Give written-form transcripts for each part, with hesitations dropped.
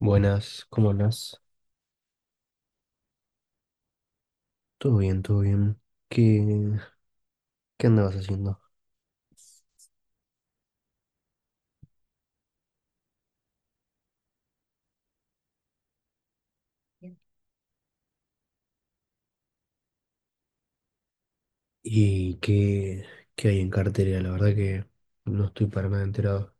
Buenas, ¿cómo andás? Todo bien, todo bien. ¿Qué, qué andabas haciendo? Bien. ¿Y qué hay en cartera? La verdad que no estoy para nada enterado.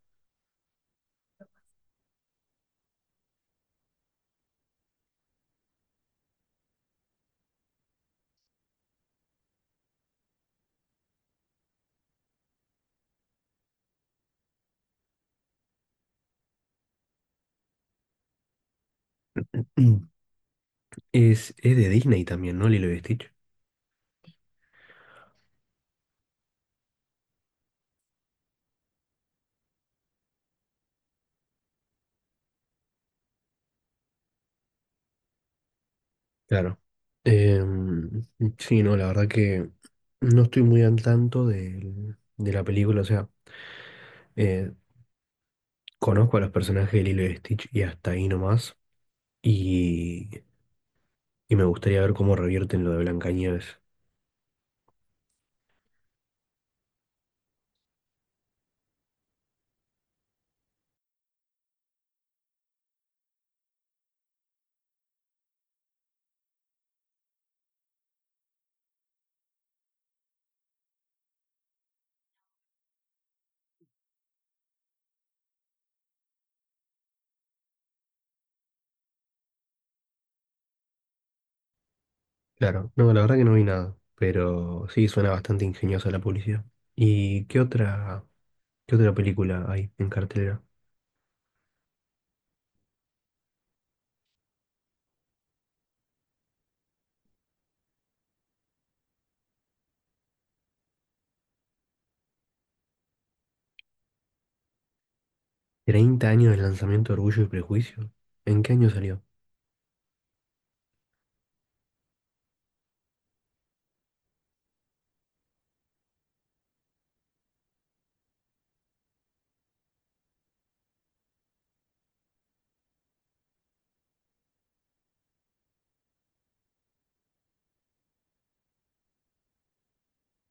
Mm. Es de Disney también, ¿no? Lilo y Stitch. Claro. Em, sí, no, la verdad que no estoy muy al tanto de la película, o sea, eh, conozco a los personajes de Lilo y Stitch y hasta ahí nomás, y, y me gustaría ver cómo revierten lo de Blancanieves. Claro, no, la verdad que no vi nada, pero sí suena bastante ingeniosa la publicidad. ¿Y qué otra película hay en cartelera? ¿30 años del lanzamiento de Orgullo y Prejuicio? ¿En qué año salió? O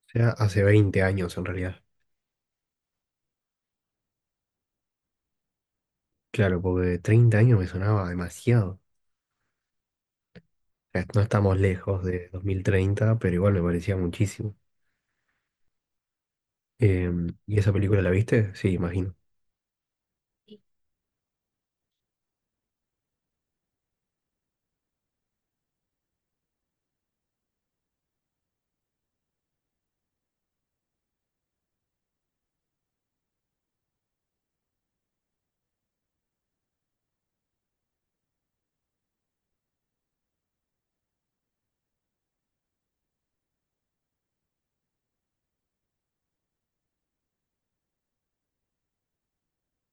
sea, hace 20 años en realidad. Claro, porque 30 años me sonaba demasiado. O sea, no estamos lejos de 2030, pero igual me parecía muchísimo. ¿Y esa película la viste? Sí, imagino.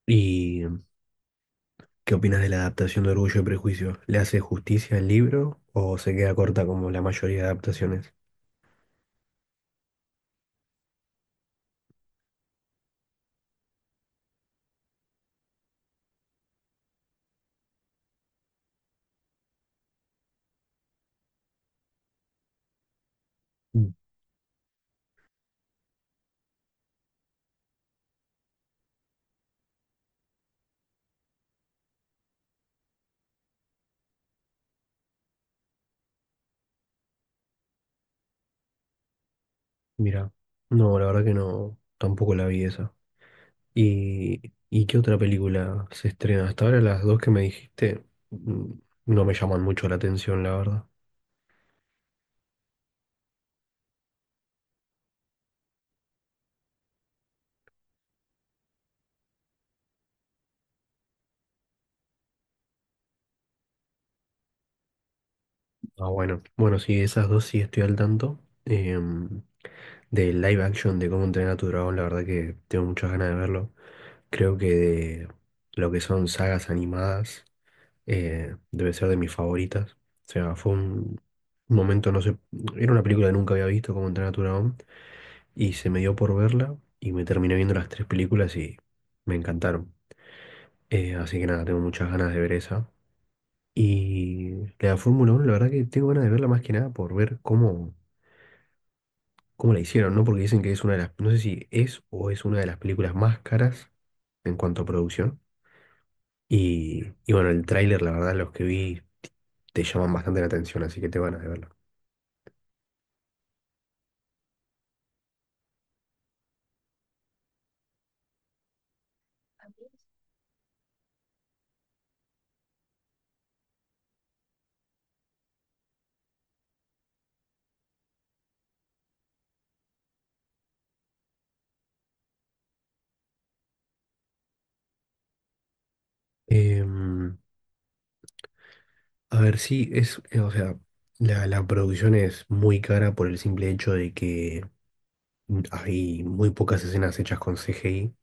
¿Y qué opinas de la adaptación de Orgullo y Prejuicio? ¿Le hace justicia al libro o se queda corta como la mayoría de adaptaciones? Mm. Mira, no, la verdad que no, tampoco la vi esa. ¿Y, y qué otra película se estrena? Hasta ahora las dos que me dijiste mm, no me llaman mucho la atención, la verdad. Ah, bueno, bueno, sí, esas dos sí estoy al tanto. Del live action de cómo entrenar a tu dragón, la verdad que tengo muchas ganas de verlo. Creo que de lo que son sagas animadas, debe ser de mis favoritas. O sea, fue un momento, no sé, era una película que nunca había visto, cómo entrenar a tu dragón, y se me dio por verla y me terminé viendo las tres películas y me encantaron. Así que nada, tengo muchas ganas de ver esa. Y la de Fórmula 1, la verdad que tengo ganas de verla más que nada por ver cómo la hicieron, ¿no? Porque dicen que es una de las, no sé si es o es una de las películas más caras en cuanto a producción. Y bueno, el tráiler, la verdad, los que vi te llaman bastante la atención, así que te van a verlo. Em, a ver, sí, es, o sea, la producción es muy cara por el simple hecho de que hay muy pocas escenas hechas con CGI.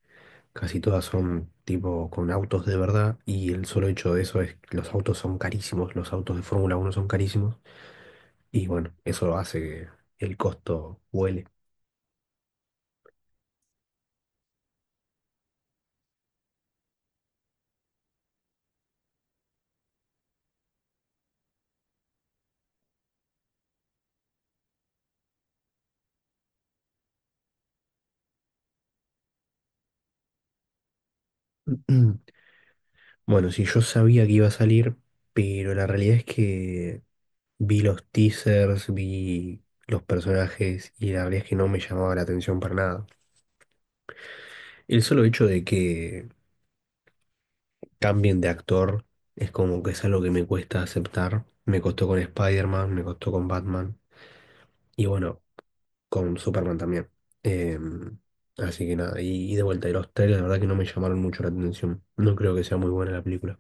Casi todas son tipo con autos de verdad y el solo hecho de eso es que los autos son carísimos, los autos de Fórmula 1 son carísimos. Y bueno, eso hace que el costo huele. Bueno, sí, yo sabía que iba a salir, pero la realidad es que vi los teasers, vi los personajes y la realidad es que no me llamaba la atención para nada. El solo hecho de que cambien de actor, es como que es algo que me cuesta aceptar. Me costó con Spider-Man, me costó con Batman y bueno, con Superman también. Em, Así que nada, y de vuelta, y los trailers la verdad que no me llamaron mucho la atención. No creo que sea muy buena la película.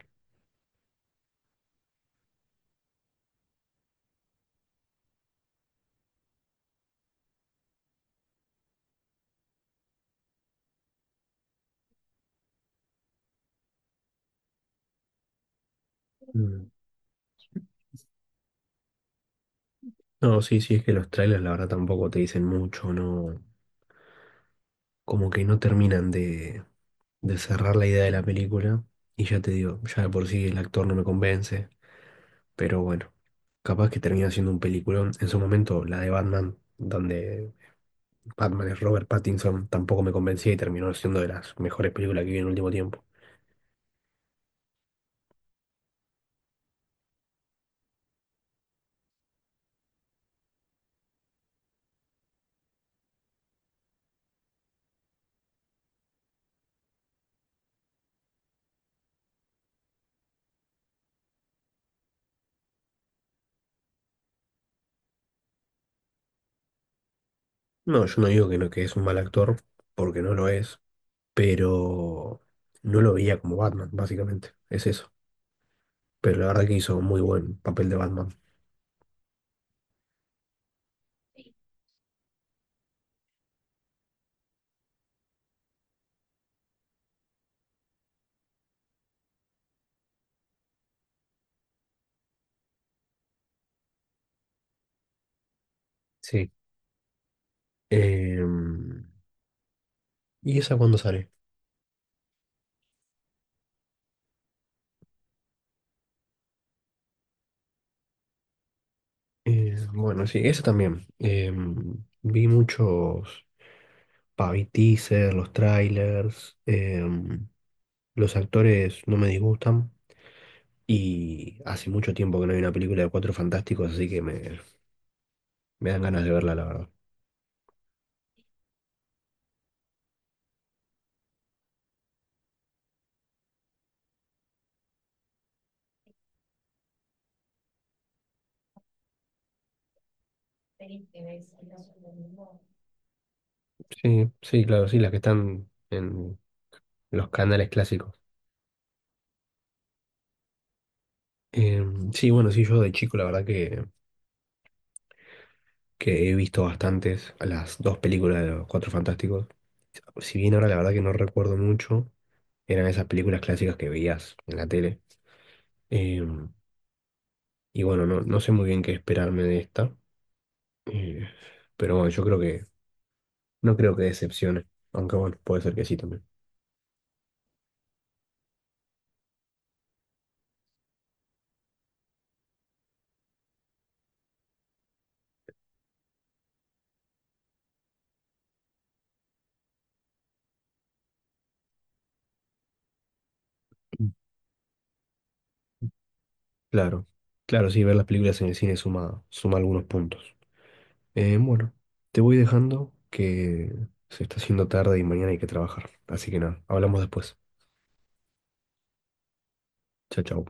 Mm. No, sí, sí, es que los trailers la verdad tampoco te dicen mucho, no, como que no terminan de cerrar la idea de la película. Y ya te digo, ya de por sí el actor no me convence, pero bueno, capaz que termina siendo un peliculón. En su momento, la de Batman, donde Batman es Robert Pattinson, tampoco me convencía y terminó siendo de las mejores películas que vi en el último tiempo. No, yo no digo que no, que es un mal actor, porque no lo es. Pero no lo veía como Batman, básicamente. Es eso. Pero la verdad que hizo un muy buen papel de Batman. Sí. Em, ¿Y esa cuándo sale? Bueno, sí, esa también. Vi muchos Vi teaser, los trailers. Los actores no me disgustan. Y hace mucho tiempo que no hay una película de Cuatro Fantásticos, así que me dan ganas de verla, la verdad. Sí, sí, claro, sí, las que están en los canales clásicos. Sí, bueno, sí, yo de chico la verdad que he visto bastantes, las dos películas de los Cuatro Fantásticos. Si bien ahora la verdad que no recuerdo mucho, eran esas películas clásicas que veías en la tele. Em, y bueno, no, no sé muy bien qué esperarme de esta, eh, pero bueno, yo creo que no creo que decepcione, aunque bueno, puede ser que sí también. Mm. Claro, claro, sí, ver las películas en el cine suma, suma algunos puntos. Bueno, te voy dejando que se está haciendo tarde y mañana hay que trabajar. Así que nada, hablamos después. Chao, chao.